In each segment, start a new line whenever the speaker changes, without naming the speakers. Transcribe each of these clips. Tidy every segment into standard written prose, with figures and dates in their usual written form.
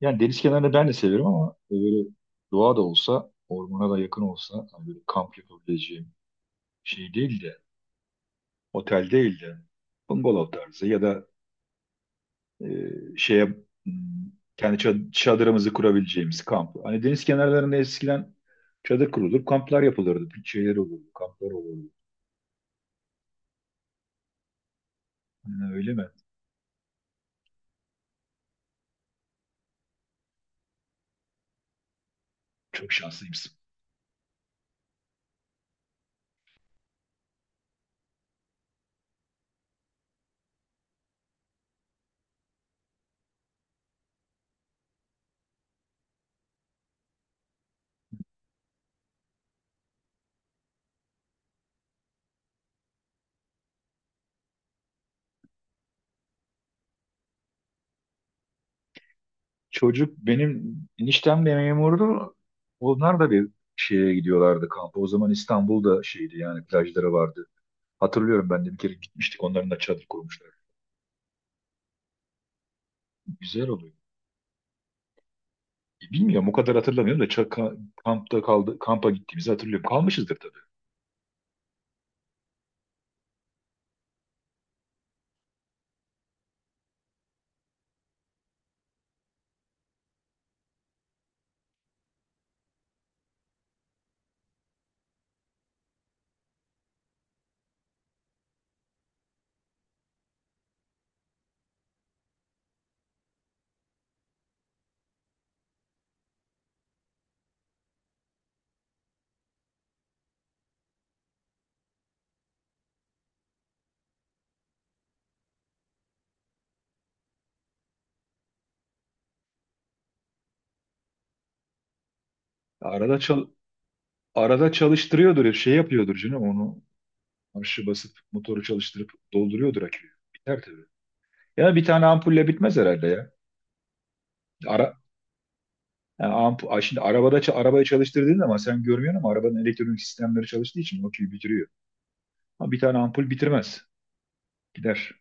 Yani deniz kenarını ben de severim ama böyle doğa da olsa, ormana da yakın olsa hani böyle kamp yapabileceğim şey değil de, otel değil de bungalov tarzı ya da e, şeye hmm, kendi çadırımızı kurabileceğimiz kamp. Hani deniz kenarlarında eskiden çadır kurulur, kamplar yapılırdı, bir şeyler olurdu, kamplar olurdu. Yani öyle mi? Çok şanslıymışsın. Çocuk benim eniştem de memurdu. Onlar da bir şeye gidiyorlardı kampa. O zaman İstanbul'da şeydi yani plajları vardı. Hatırlıyorum ben de bir kere gitmiştik. Onların da çadır kurmuşlar. Güzel oluyor. Bilmiyorum o kadar hatırlamıyorum da kampta kaldı kampa gittiğimizi hatırlıyorum. Kalmışızdır tabii. Arada çal Arada çalıştırıyordur ya, şey yapıyordur canım onu, marşı basıp motoru çalıştırıp dolduruyordur aküyü. Biter tabii. Ya bir tane ampulle bitmez herhalde ya. Ara yani ay, şimdi arabada arabayı çalıştırdığın zaman sen görmüyorsun ama arabanın elektronik sistemleri çalıştığı için aküyü bitiriyor. Ama bir tane ampul bitirmez. Gider.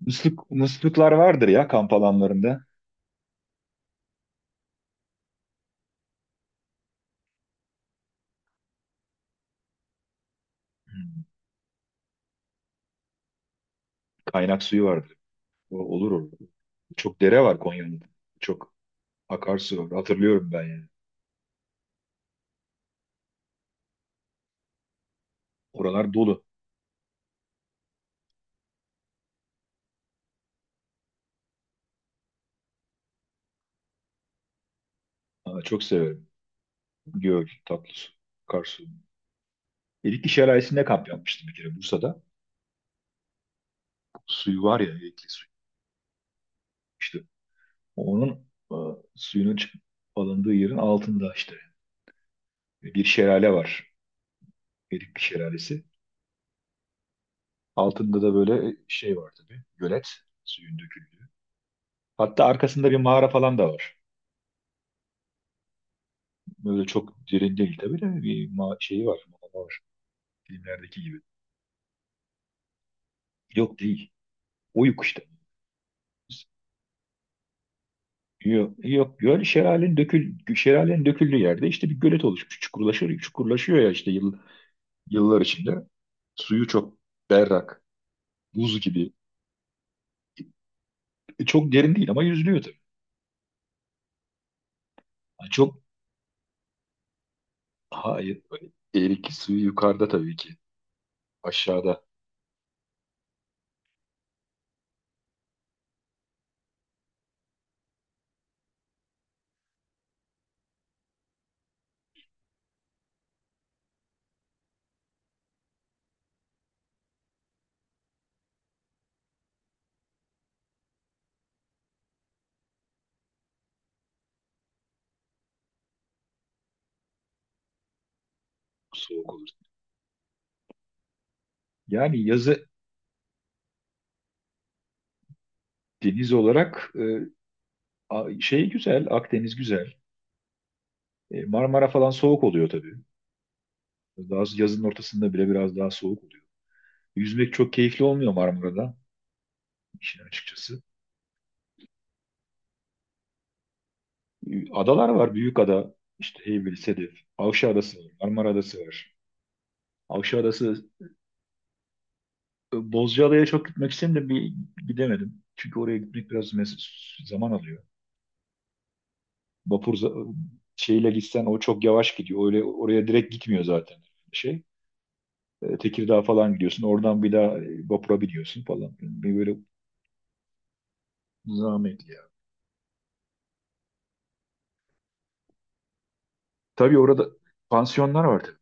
Musluk, musluklar vardır ya kamp alanlarında. Kaynak suyu vardı. O olur orada. Çok dere var Konya'nın. Çok akarsu var. Hatırlıyorum ben yani. Oralar dolu. Ha, çok severim. Göl, tatlı su, akarsu. Erikli Şelalesi'nde kamp yapmıştım bir kere Bursa'da. Suyu var ya Erikli suyu. İşte onun e, suyunun alındığı yerin altında işte bir şelale var. Erikli Şelalesi. Altında da böyle şey var tabii. Gölet, suyun döküldüğü. Hatta arkasında bir mağara falan da var. Böyle çok derin değil tabii de bir ma şeyi var, mağara var, filmlerdeki gibi. Yok değil. Oyuk işte. Yok, yok göl, şelalenin döküldüğü yerde işte bir gölet oluşmuş. Çukurlaşıyor, çukurlaşıyor ya işte yıllar içinde. Suyu çok berrak, buz gibi. Çok derin değil ama yüzülüyor tabii. Ha, çok hayır. Eriki suyu yukarıda tabii ki. Aşağıda soğuk olur. Yani yazı deniz olarak, şey güzel, Akdeniz güzel. Marmara falan soğuk oluyor tabii. Daha yazın ortasında bile biraz daha soğuk. Yüzmek çok keyifli olmuyor Marmara'da, işin açıkçası. Adalar var. Büyük ada. İşte Heybeli, Sedef. Avşa Adası var. Marmara Adası var. Avşa Adası Bozcaada'ya çok gitmek istedim de bir gidemedim. Çünkü oraya gitmek biraz zaman alıyor. Vapur za- şeyle gitsen o çok yavaş gidiyor. Öyle oraya direkt gitmiyor zaten şey. Tekirdağ falan gidiyorsun. Oradan bir daha vapura biniyorsun falan. Bir böyle zahmetli ya. Tabii orada pansiyonlar var tabii.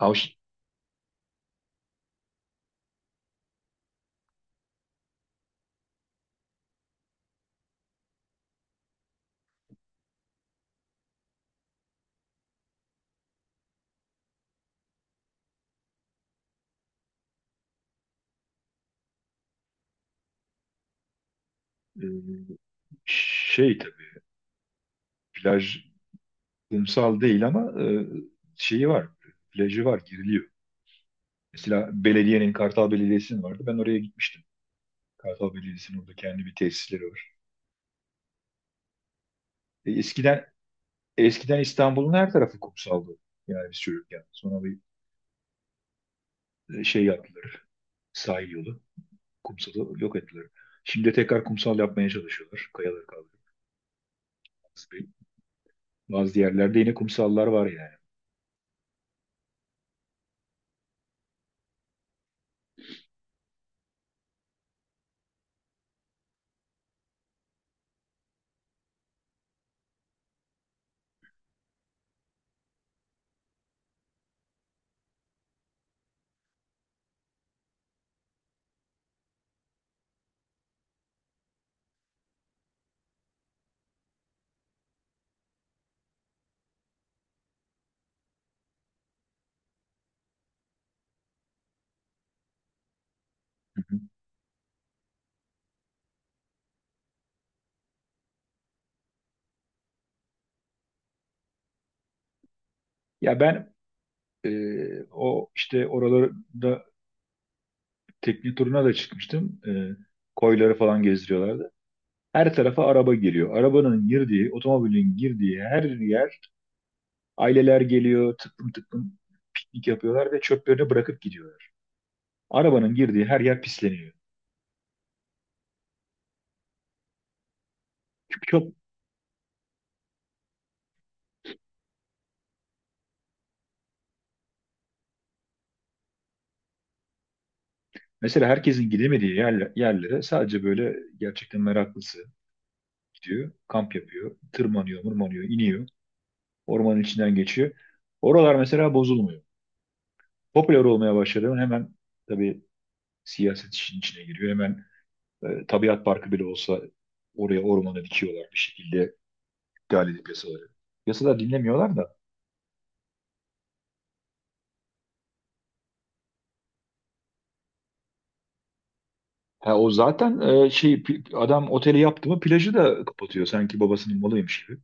Avş- e, şey tabii plaj, kumsal değil ama, şeyi var, plajı var, giriliyor. Mesela belediyenin, Kartal Belediyesi'nin vardı. Ben oraya gitmiştim. Kartal Belediyesi'nin orada kendi bir tesisleri var. E, eskiden eskiden İstanbul'un her tarafı kumsaldı. Yani biz çocukken. Sonra bir şey yaptılar. Sahil yolu. Kumsalı yok ettiler. Şimdi tekrar kumsal yapmaya çalışıyorlar, kayaları kaldırıp. Bazı, bazı yerlerde yine kumsallar var yani. Hı hı. Ya ben o işte oralarda tekne turuna da çıkmıştım. Koyları falan gezdiriyorlardı. Her tarafa araba geliyor. Arabanın girdiği, otomobilin girdiği her yer aileler geliyor, tıklım tıklım piknik yapıyorlar ve çöplerini bırakıp gidiyorlar. Arabanın girdiği her yer pisleniyor. Çok mesela herkesin gidemediği yerlere sadece böyle gerçekten meraklısı gidiyor, kamp yapıyor, tırmanıyor, mırmanıyor, iniyor, ormanın içinden geçiyor. Oralar mesela bozulmuyor. Popüler olmaya başladı mı, hemen tabii siyaset işin içine giriyor. Hemen tabiat parkı bile olsa oraya ormana dikiyorlar bir şekilde, iptal edip yasaları. Yasalar dinlemiyorlar da. Ha, o zaten adam oteli yaptı mı plajı da kapatıyor, sanki babasının malıymış gibi.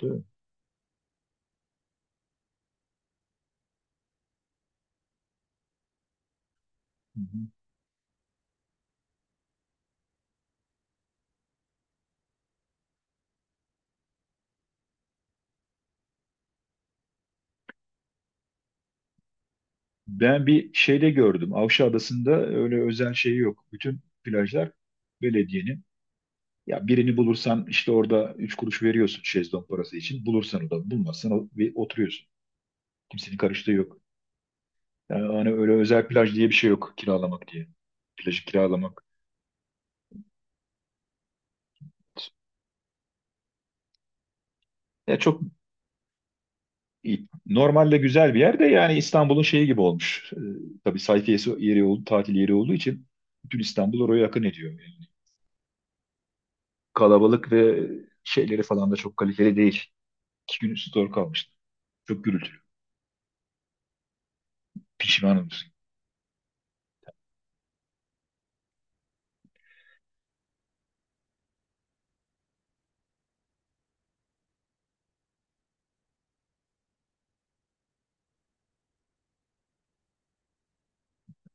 Değil mi? Hı hı. Ben bir şeyde gördüm. Avşa Adası'nda öyle özel şey yok. Bütün plajlar belediyenin. Ya birini bulursan işte orada 3 kuruş veriyorsun şezlong parası için. Bulursan, o da bulmazsan ve oturuyorsun. Kimsenin karıştığı yok. Yani hani öyle özel plaj diye bir şey yok, kiralamak diye. Plajı kiralamak Ya çok iyi. Normalde güzel bir yer de yani İstanbul'un şeyi gibi olmuş. Tabii sayfiyesi yeri oldu, tatil yeri olduğu için bütün İstanbul oraya yakın ediyor. Yani kalabalık ve şeyleri falan da çok kaliteli değil. İki gün üstü doğru kalmıştı. Çok gürültülü. Pişmanım.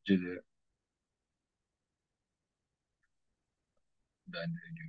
Önce de ben de